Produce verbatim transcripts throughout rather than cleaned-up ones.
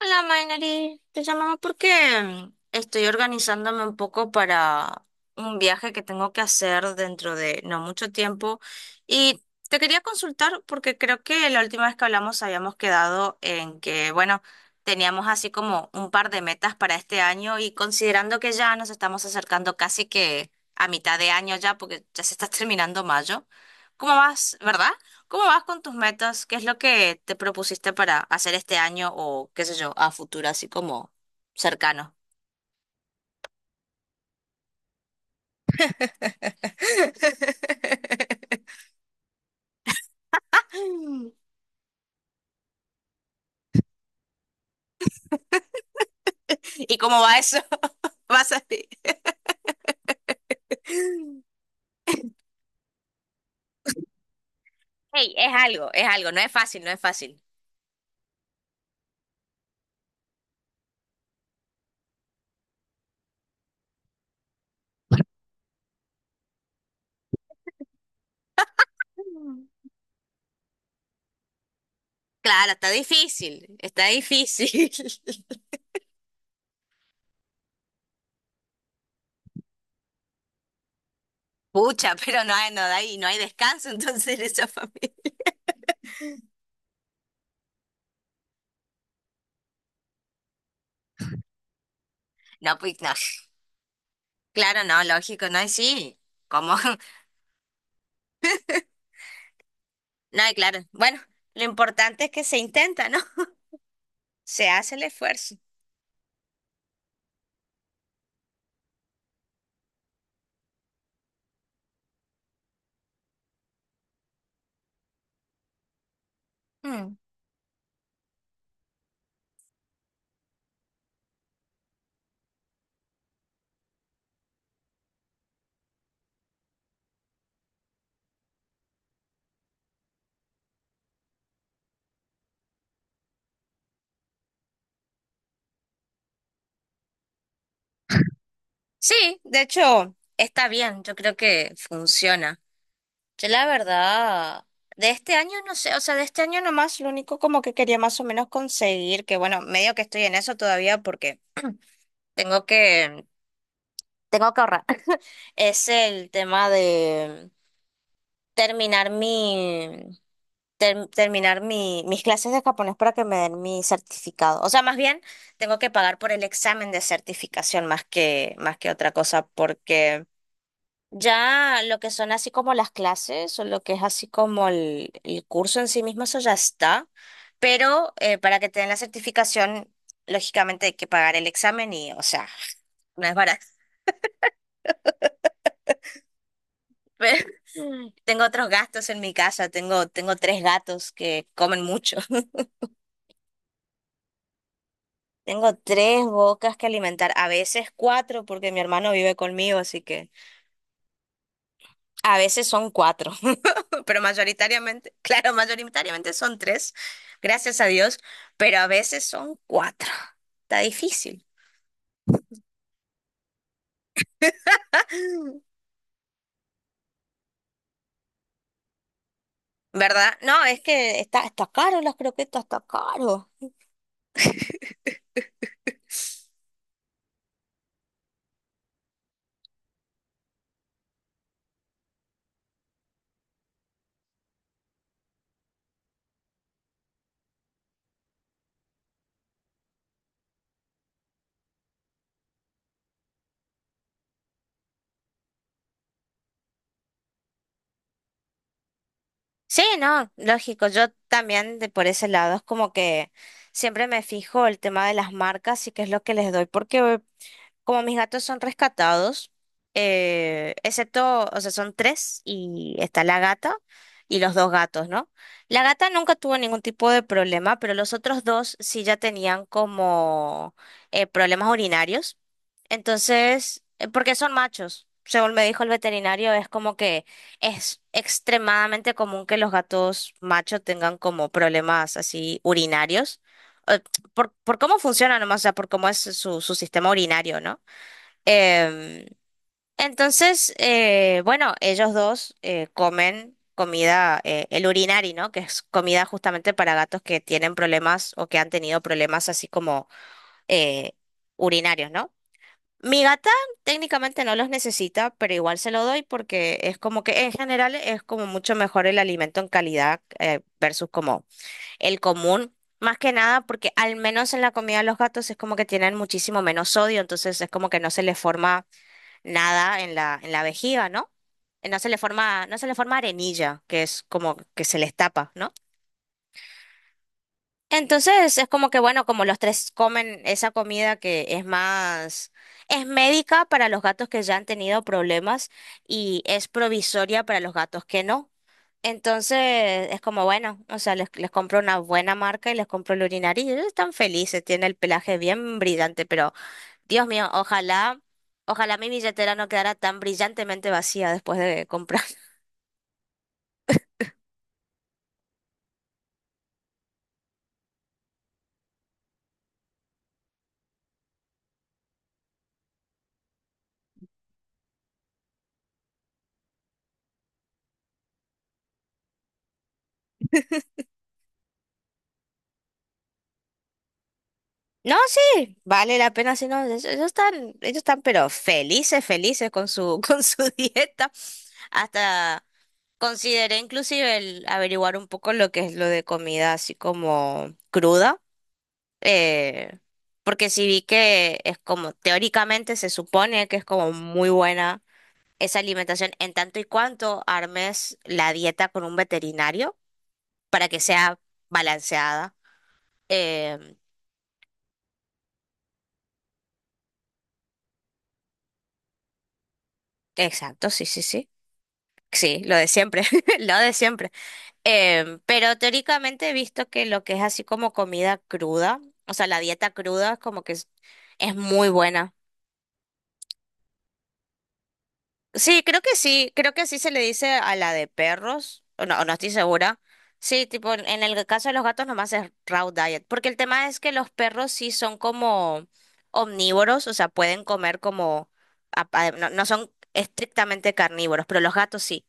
Hola, Mainari. Te llamaba porque mm, estoy organizándome un poco para un viaje que tengo que hacer dentro de no mucho tiempo. Y te quería consultar porque creo que la última vez que hablamos habíamos quedado en que, bueno, teníamos así como un par de metas para este año y considerando que ya nos estamos acercando casi que a mitad de año ya, porque ya se está terminando mayo. ¿Cómo vas, verdad? ¿Cómo vas con tus metas? ¿Qué es lo que te propusiste para hacer este año o qué sé yo, a futuro, así como cercano? ¿Y cómo va eso? ¿Vas a ti? Hey, es algo, es algo, no es fácil, no es fácil. Mm. Claro, está difícil, está difícil. Pucha, pero no hay, no hay, no hay descanso entonces en esa familia. No, pues no. Claro, no, lógico, no hay sí. ¿Cómo? No, y claro. Bueno, lo importante es que se intenta, ¿no? Se hace el esfuerzo. Mm. Sí, de hecho, está bien, yo creo que funciona. Yo la verdad, de este año no sé, o sea, de este año nomás lo único como que quería más o menos conseguir, que bueno, medio que estoy en eso todavía porque tengo que, tengo que ahorrar, es el tema de terminar mi, ter- terminar mi, mis clases de japonés para que me den mi certificado. O sea, más bien tengo que pagar por el examen de certificación más que, más que otra cosa porque... Ya lo que son así como las clases o lo que es así como el, el curso en sí mismo, eso ya está. Pero eh, para que te den la certificación, lógicamente hay que pagar el examen y, o sea, no es barato. Pero tengo otros gastos en mi casa, tengo, tengo tres gatos que comen mucho. Tengo tres bocas que alimentar, a veces cuatro, porque mi hermano vive conmigo, así que a veces son cuatro. Pero mayoritariamente, claro, mayoritariamente son tres, gracias a Dios, pero a veces son cuatro. Está difícil, ¿verdad? No, es que está, está caro las croquetas, está caro. Sí, no, lógico, yo también de por ese lado es como que siempre me fijo el tema de las marcas y qué es lo que les doy, porque como mis gatos son rescatados, eh, excepto, o sea, son tres y está la gata y los dos gatos, ¿no? La gata nunca tuvo ningún tipo de problema, pero los otros dos sí ya tenían como eh, problemas urinarios. Entonces, eh, porque son machos, según me dijo el veterinario, es como que es extremadamente común que los gatos machos tengan como problemas así urinarios. eh, Por, por cómo funciona nomás, o sea, por cómo es su, su sistema urinario, ¿no? Em, entonces, eh, bueno, ellos dos eh, comen comida, eh, el urinari, ¿no? Que es comida justamente para gatos que tienen problemas o que han tenido problemas así como eh, urinarios, ¿no? Mi gata técnicamente no los necesita, pero igual se lo doy porque es como que en general es como mucho mejor el alimento en calidad eh, versus como el común. Más que nada porque al menos en la comida de los gatos es como que tienen muchísimo menos sodio, entonces es como que no se les forma nada en la, en la vejiga, ¿no? Eh, No se le forma, no se le forma arenilla, que es como que se les tapa, ¿no? Entonces es como que, bueno, como los tres comen esa comida que es más, es médica para los gatos que ya han tenido problemas y es provisoria para los gatos que no. Entonces es como, bueno, o sea, les, les compro una buena marca y les compro el urinario y ellos están felices, tiene el pelaje bien brillante, pero... Dios mío, ojalá, ojalá mi billetera no quedara tan brillantemente vacía después de comprar. No, sí, vale la pena, si no, ellos ellos están, ellos están pero felices, felices con su, con su dieta. Hasta consideré inclusive el averiguar un poco lo que es lo de comida así como cruda, eh, porque sí vi que es como, teóricamente se supone que es como muy buena esa alimentación en tanto y cuanto armes la dieta con un veterinario para que sea balanceada. Em, exacto, sí, sí, sí. Sí, lo de siempre, lo de siempre. Em, pero teóricamente he visto que lo que es así como comida cruda, o sea, la dieta cruda es como que es, es muy buena. Sí, creo que sí, creo que así se le dice a la de perros, o no, o no estoy segura. Sí, tipo, en en el caso de los gatos nomás es raw diet, porque el tema es que los perros sí son como omnívoros, o sea, pueden comer como, a- a- no, no son estrictamente carnívoros, pero los gatos sí.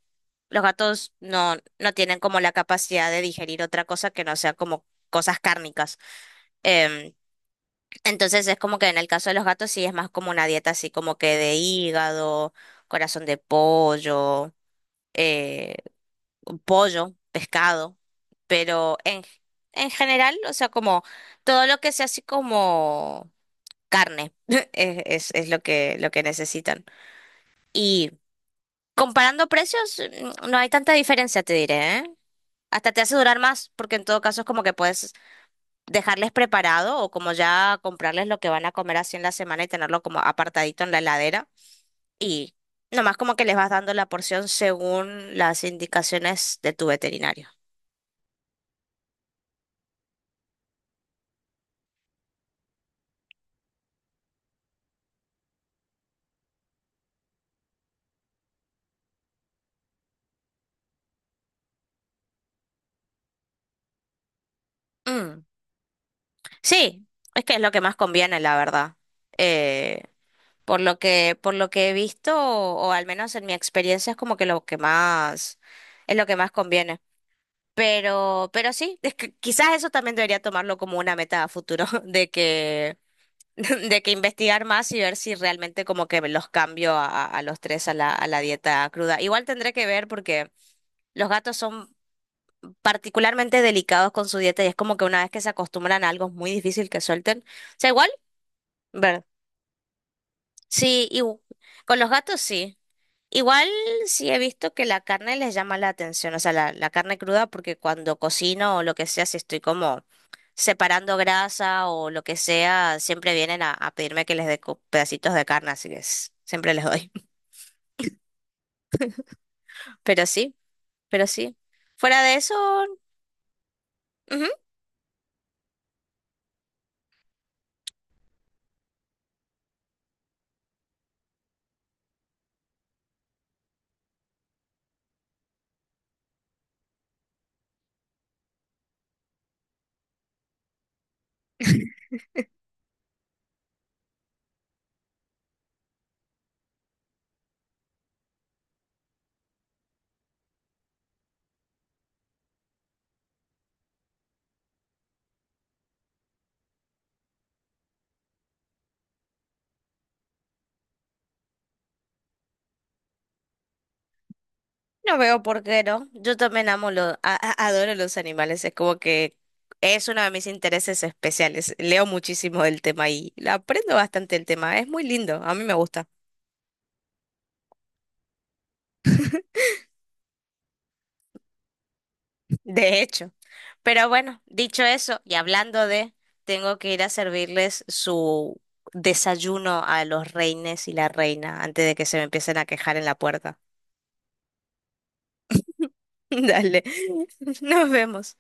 Los gatos no, no tienen como la capacidad de digerir otra cosa que no sea como cosas cárnicas. Em, entonces es como que en el caso de los gatos sí es más como una dieta así como que de hígado, corazón de pollo, eh, pollo, pescado, pero en, en general, o sea, como todo lo que sea así como carne es, es, es lo que, lo que necesitan. Y comparando precios, mm, no hay tanta diferencia, te diré, ¿eh? Hasta te hace durar más, porque en todo caso es como que puedes dejarles preparado o como ya comprarles lo que van a comer así en la semana y tenerlo como apartadito en la heladera. Y nomás como que les vas dando la porción según las indicaciones de tu veterinario. Mm, Sí, es que es lo que más conviene, la verdad. Eh, Por lo que, por lo que he visto, o, o al menos en mi experiencia, es como que lo que más, es lo que más conviene. Pero, pero sí, es que quizás eso también debería tomarlo como una meta a futuro, de que, de que investigar más y ver si realmente como que los cambio a, a- a los tres a la, a la dieta cruda. Igual tendré que ver porque los gatos son particularmente delicados con su dieta y es como que una vez que se acostumbran a algo es muy difícil que suelten. O sea, igual, ver. Sí, y con los gatos sí. Igual sí he visto que la carne les llama la atención, o sea, la, la carne cruda, porque cuando cocino o lo que sea, si estoy como separando grasa o lo que sea, siempre vienen a, a pedirme que les dé co- pedacitos de carne, así que es- siempre les doy. Pero sí, pero sí. Fuera de eso, ujú, no veo por qué no. Yo también amo los, adoro los animales, es como que es uno de mis intereses especiales. Leo muchísimo del tema y aprendo bastante el tema, es muy lindo, a mí me gusta. De hecho. Pero bueno, dicho eso, y hablando de, tengo que ir a servirles su desayuno a los reines y la reina antes de que se me empiecen a quejar en la puerta. Dale, nos vemos.